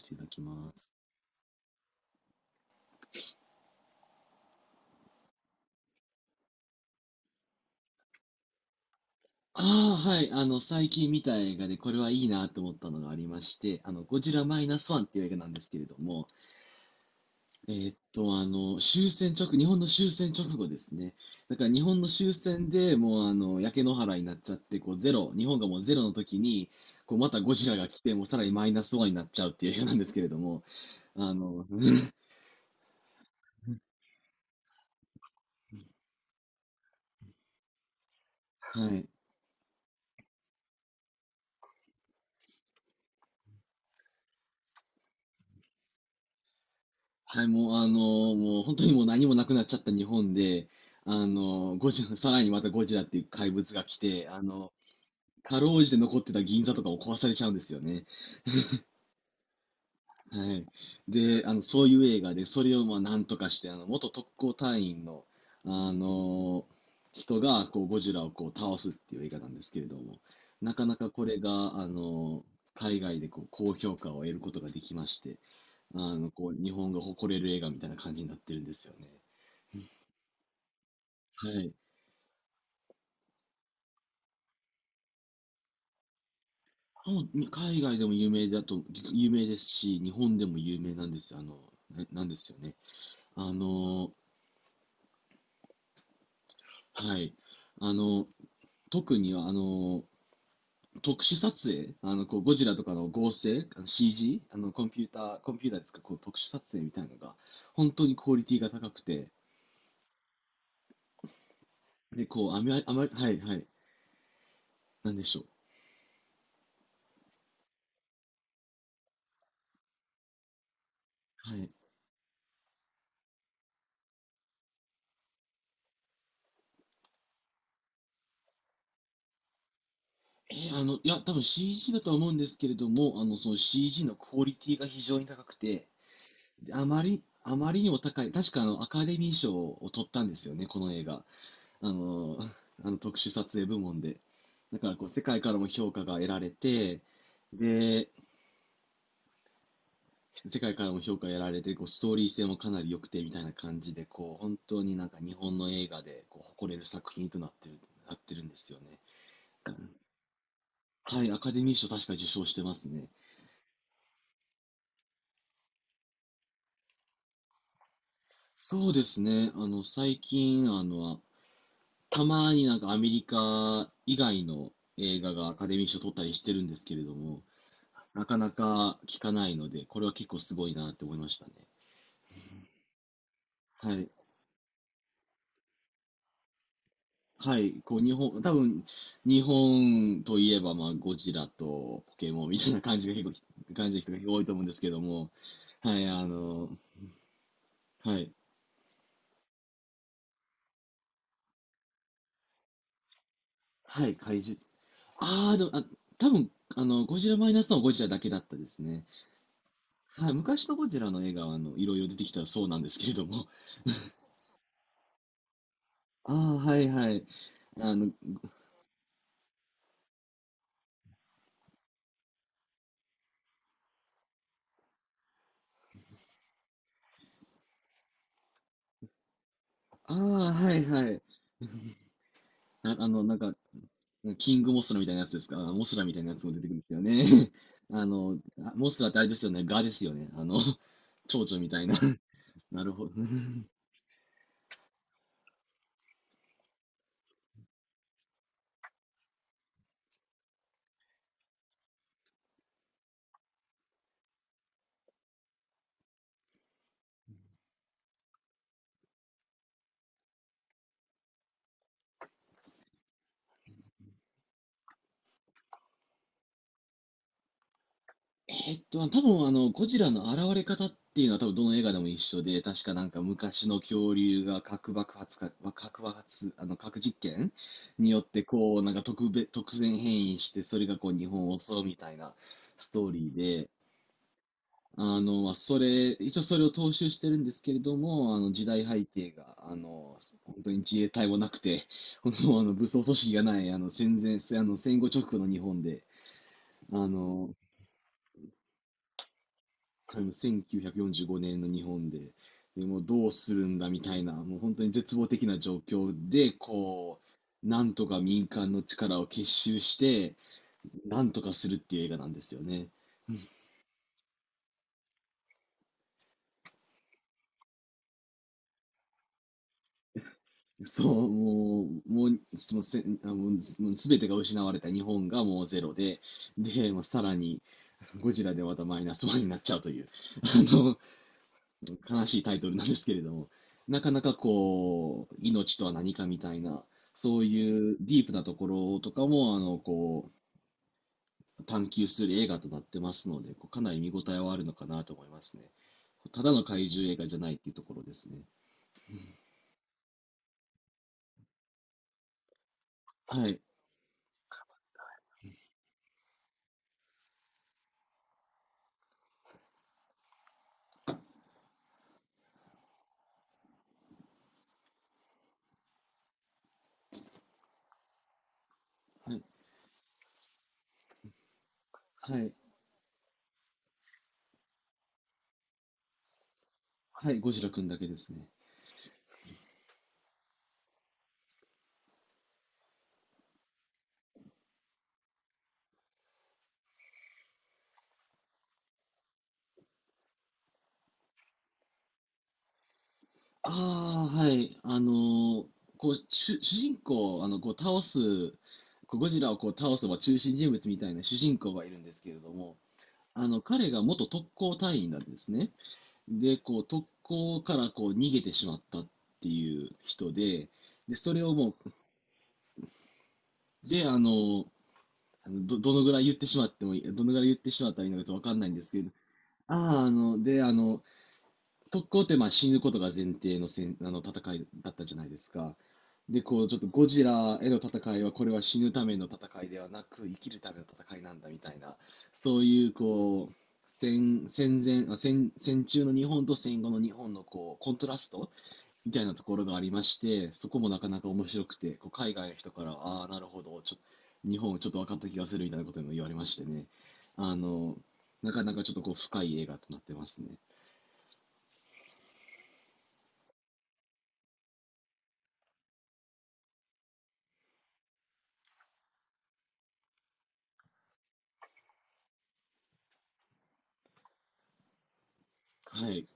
していただきます。あはい。最近見た映画でこれはいいなと思ったのがありまして、ゴジラマイナスワンっていう映画なんですけれども、えーっと、あの、終戦直、日本の終戦直後ですね。だから日本の終戦でもう、焼け野原になっちゃって、こう、ゼロ、日本がもうゼロの時に、こう、またゴジラが来て、もうさらにマイナスワンになっちゃうっていう映画なんですけれども、あの、はい。はい、もうあの、もう本当にもう何もなくなっちゃった日本で、あの、ゴジラ、さらにまたゴジラっていう怪物が来て、かろうじて残ってた銀座とかを壊されちゃうんですよね。はい。で、そういう映画で、それをまあなんとかして、元特攻隊員の、あの、人がこうゴジラをこう倒すっていう映画なんですけれども、なかなかこれが、海外でこう高評価を得ることができまして、こう、日本が誇れる映画みたいな感じになってるんですよね。はい。もう、に海外でも有名だと、有名ですし、日本でも有名なんですよ、なんですよね。あの、はい。あの、特に特殊撮影、こう、ゴジラとかの合成、あの CG、コンピューターですか、こう、特殊撮影みたいなのが、本当にクオリティが高くて、で、こう、あまり、あまり、はいはい、なんでしょう。はい。いや、多分 CG だとは思うんですけれども、その CG のクオリティが非常に高くて、であまりにも高い、確かあのアカデミー賞を取ったんですよね、この映画。あの、あの特殊撮影部門で。だからこう、世界からも評価が得られて、で、世界からも評価を得られて、こう、ストーリー性もかなり良くてみたいな感じで、こう、本当になんか日本の映画でこう誇れる作品となってるんですよね。はい、アカデミー賞確か受賞してますね。そうですね、あの、最近、あの、たまになんかアメリカ以外の映画がアカデミー賞取ったりしてるんですけれども、なかなか聞かないので、これは結構すごいなって思いましたね。はい。はい。こう、日本といえば、まあ、ゴジラとポケモンみたいな感じが感じの人が結構多いと思うんですけども、はい、あの、はい。はい、怪獣。ああ、でも、あ、多分、あの、ゴジラマイナスのゴジラだけだったですね。はい、昔のゴジラの映画は、いろいろ出てきたらそうなんですけれども、ああ、はいはい。あの、ああ、はいはい。あ、あの、なんか、キングモスラみたいなやつですか。あモスラみたいなやつも出てくるんですよね。あモスラってあれですよね。ガですよね。蝶々みたいな。なるほど。えーっと、多分あの、ゴジラの現れ方っていうのは多分どの映画でも一緒で、確かなんか昔の恐竜が核爆発、核実験によってこう、なんか特別、突然変異して、それがこう日本を襲うみたいなストーリーあの、まあそれ、一応それを踏襲してるんですけれども、時代背景が、本当に自衛隊もなくて、本当あの、武装組織がない、あの、戦前、せあの、戦後直後の日本で、あの、1945年の日本で、でもうどうするんだみたいな、もう本当に絶望的な状況で、こう、なんとか民間の力を結集して、なんとかするっていう映画なんですよね。そう、もう、もう、そのせ、あ、もう、すもう全てが失われた日本がもうゼロで、で、まあ、さらに、ゴジラでまたマイナスワンになっちゃうという、あの、悲しいタイトルなんですけれども、なかなかこう、命とは何かみたいな、そういうディープなところとかも、こう、探求する映画となってますので、こうかなり見応えはあるのかなと思いますね。ただの怪獣映画じゃないっていうところですね。はい、はい、はい、はい、ゴジラくんだけですね。ああ、はい。ーこう、主人公を、あの、こう、倒す、こう、ゴジラをこう倒す、まあ、中心人物みたいな主人公がいるんですけれども、彼が元特攻隊員なんですね。で、こう、特攻からこう、逃げてしまったっていう人で、で、それをもう、で、あの、あのど、どのぐらい言ってしまってもいい、どのぐらい言ってしまったらいいのかとわかんないんですけど、ああ、あの、で、あの、特攻ってまあ死ぬことが前提のせんあの戦いだったじゃないですか。で、こう、ちょっとゴジラへの戦いは、これは死ぬための戦いではなく、生きるための戦いなんだみたいな、そういう、こう、戦、戦前、あ戦、戦中の日本と戦後の日本の、こう、コントラストみたいなところがありまして、そこもなかなか面白くて、こう海外の人から、ああ、なるほど、ちょっと、日本ちょっと分かった気がするみたいなことも言われましてね。あの、なかなかちょっとこう、深い映画となってますね。はい。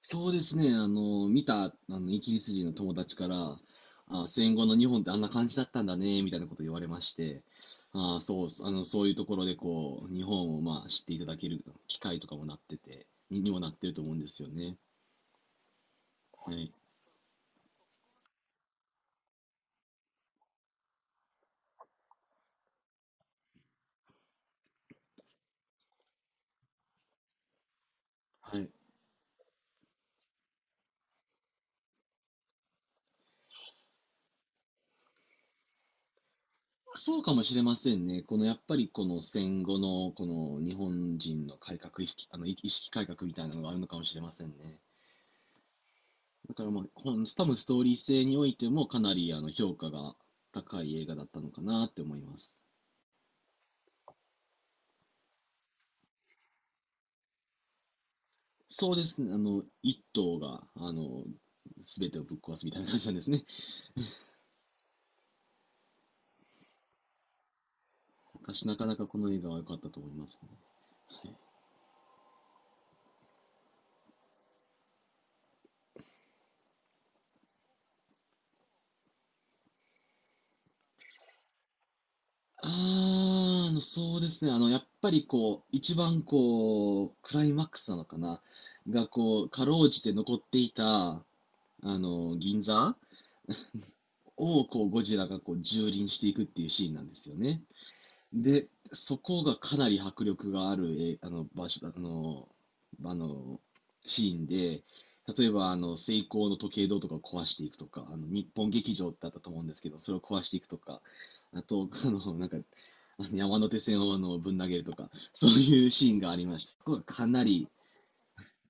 そうですね、あの、見た、あの、イギリス人の友達から、あ、戦後の日本ってあんな感じだったんだね、みたいなこと言われまして、そういうところでこう、日本をまあ知っていただける機会とかもなってて、に、にもなってると思うんですよね。はい。はい。そうかもしれませんね。このやっぱりこの戦後のこの日本人の改革意識、あの意識改革みたいなのがあるのかもしれませんね。だから多分ストーリー性においてもかなりあの評価が高い映画だったのかなって思います。そうですね、一頭が、すべてをぶっ壊すみたいな感じなんですね。私なかなかこの映画は良かったと思いますね。はい、あやっぱりこう、一番こう、クライマックスなのかな、がこう、かろうじて残っていた、銀座をこう、ゴジラがこう、蹂躙していくっていうシーンなんですよね。で、そこがかなり迫力がある、え、あの、場所、あの、あの、シーンで、例えば、セイコーの時計塔とかを壊していくとか、日本劇場ってあったと思うんですけど、それを壊していくとか、あと山手線をあのぶん投げるとか、そういうシーンがありました。そこがかなり、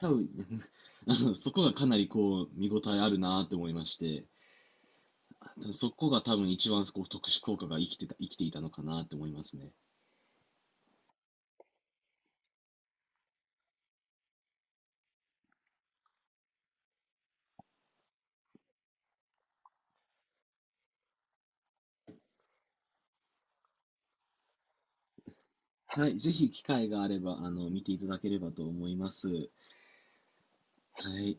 多分 そこがかなりこう、見応えあるなと思いまして、そこが多分一番こう特殊効果が生きていたのかなと思いますね。はい、ぜひ機会があれば、見ていただければと思います。はい。